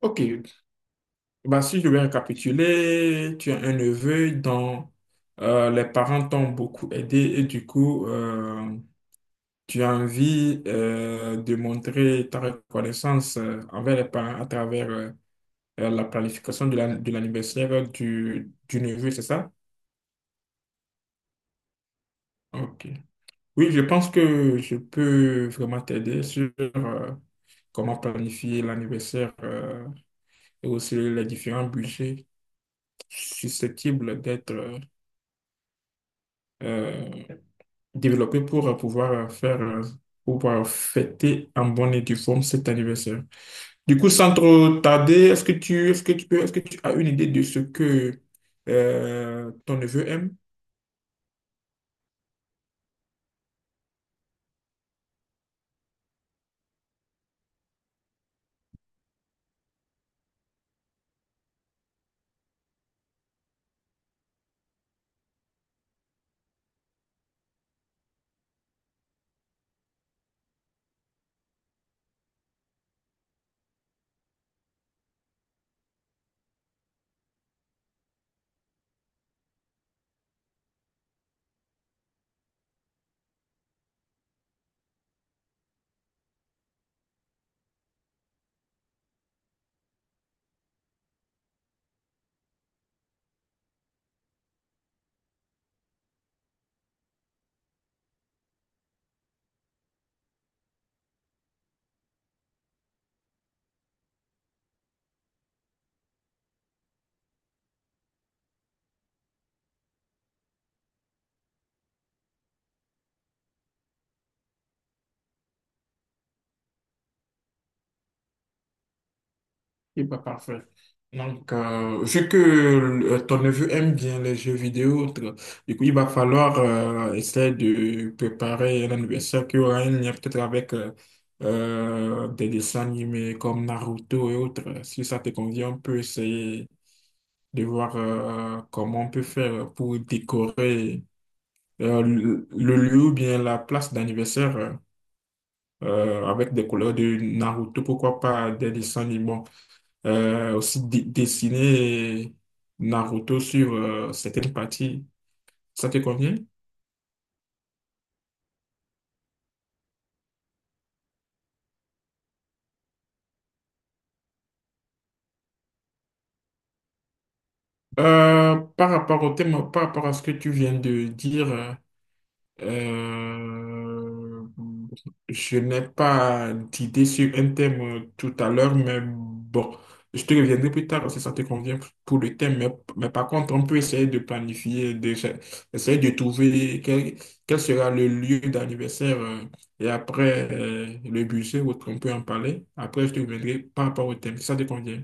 Ok, bah, si je vais récapituler, tu as un neveu dont les parents t'ont beaucoup aidé et du coup, tu as envie de montrer ta reconnaissance envers les parents à travers la planification de de l'anniversaire du neveu, c'est ça? Ok. Oui, je pense que je peux vraiment t'aider sur comment planifier l'anniversaire et aussi les différents budgets susceptibles d'être... euh, développer pour pouvoir faire, pour pouvoir fêter en bonne et due forme cet anniversaire. Du coup, sans trop tarder, est-ce que tu as une idée de ce que ton neveu aime? Et pas parfait. Donc, vu que ton neveu aime bien les jeux vidéo, autres, du coup, il va falloir essayer de préparer un anniversaire qui aura un lien peut-être avec des dessins animés comme Naruto et autres. Si ça te convient, on peut essayer de voir comment on peut faire pour décorer le lieu ou bien la place d'anniversaire avec des couleurs de Naruto, pourquoi pas des dessins animés. Bon, aussi dessiner Naruto sur certaines parties. Ça te convient? Par rapport au thème, par rapport à ce que tu viens de dire, euh, je n'ai pas d'idée sur un thème tout à l'heure, mais bon, je te reviendrai plus tard si ça te convient pour le thème. Mais par contre, on peut essayer de essayer de quel sera le lieu d'anniversaire et après le budget, ou autre, on peut en parler. Après, je te reviendrai par rapport au thème, si ça te convient.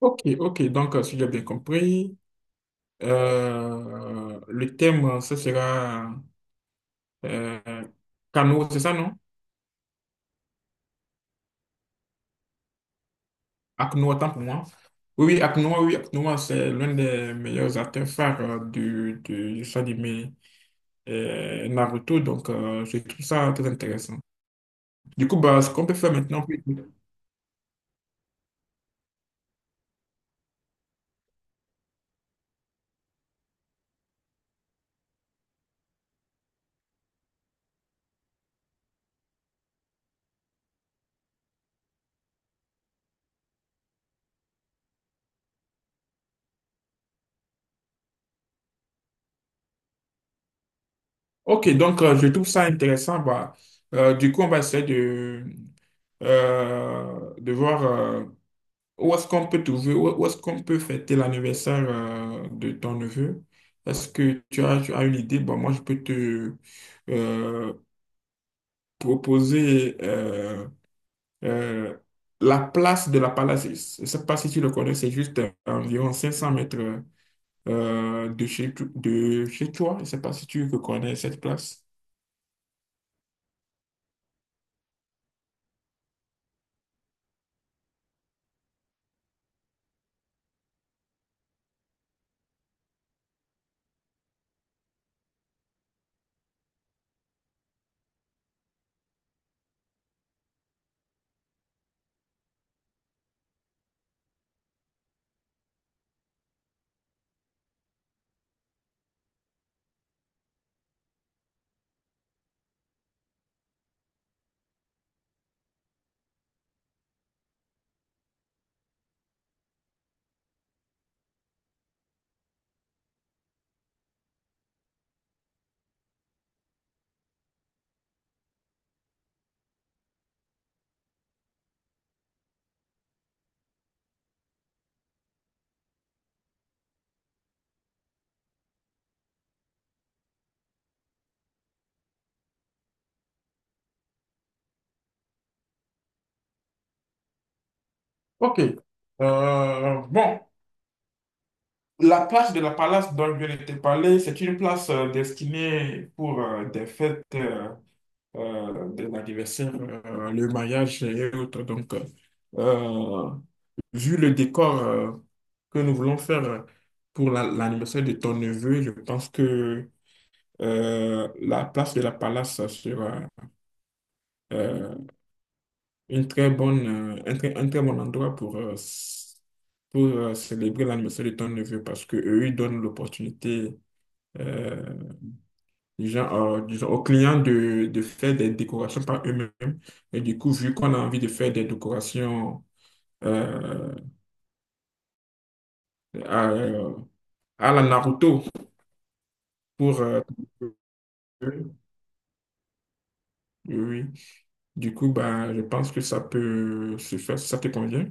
Ok, ok, donc si j'ai bien compris. Le thème, ce sera euh, Cano, c'est ça, non? Akno autant pour moi. Oui, oui, Akinoa, oui, Akno c'est l'un des meilleurs acteurs phares du show animé Naruto, donc je trouve ça très intéressant. Du coup, bah, ce qu'on peut faire maintenant. Oui. Ok, donc je trouve ça intéressant. Bah, du coup, on va essayer de voir. Où est-ce qu'on peut trouver, où est-ce qu'on peut fêter l'anniversaire de ton neveu? Est-ce que tu as une idée? Bon, moi, je peux te euh, proposer euh, la place de la Palace. Je ne sais pas si tu le connais, c'est juste à environ 500 mètres euh, de chez, de chez toi. Je ne sais pas si tu connais cette place. Ok. Bon, la place de la Palace dont je viens de te parler, c'est une place destinée pour des fêtes des anniversaires, le mariage et autres. Donc, euh, vu le décor que nous voulons faire pour l'anniversaire de ton neveu, je pense que la place de la Palace sera euh, euh, un très bon endroit pour, pour célébrer l'anniversaire de ton neveu parce que eux, ils donnent l'opportunité euh, disons, disons aux clients de faire des décorations par eux-mêmes. Et du coup, vu qu'on a envie de faire des décorations euh, à, à la Naruto pour... oui, oui. Du coup, bah, je pense que ça peut se faire, si ça te convient.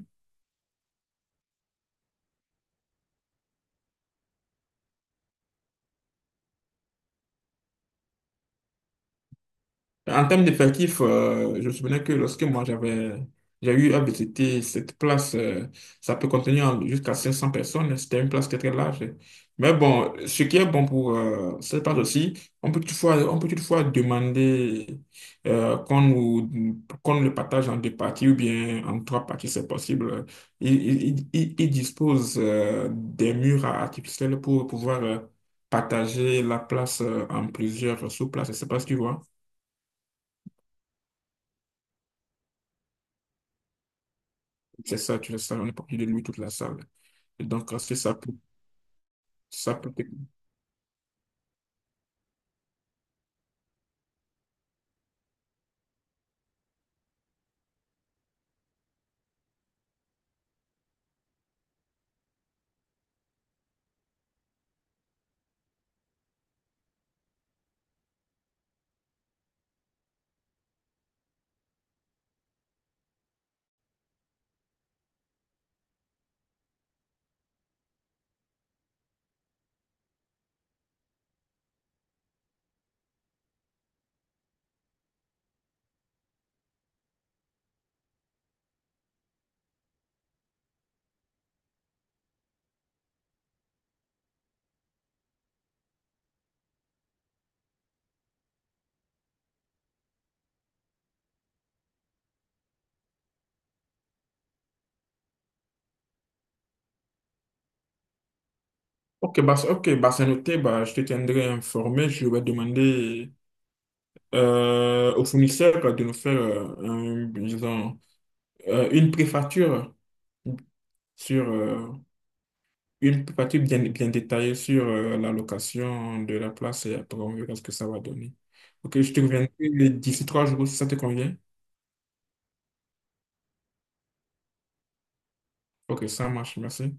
En termes d'effectifs, je me souviens que lorsque moi j'avais, j'ai eu à visiter cette place, ça peut contenir jusqu'à 500 personnes. C'était une place très très large. Mais bon, ce qui est bon pour cette place aussi, on peut toutefois demander qu'on le partage en deux parties ou bien en trois parties, c'est possible. Ils il dispose des murs artificiels pour pouvoir partager la place en plusieurs sous-places. Je sais pas si tu vois. C'est ça, tu laisses ça, on est parti de lui toute la salle. Et donc, c'est ça pour, ça pour... te- Ok, ok, bah, c'est noté, bah, je te tiendrai informé. Je vais demander au fournisseur de nous faire disons, euh, une préfacture sur euh, une préfacture bien, bien détaillée sur la location de la place et après on verra ce que ça va donner. Ok, je te reviendrai d'ici 3 jours si ça te convient. Ok, ça marche, merci.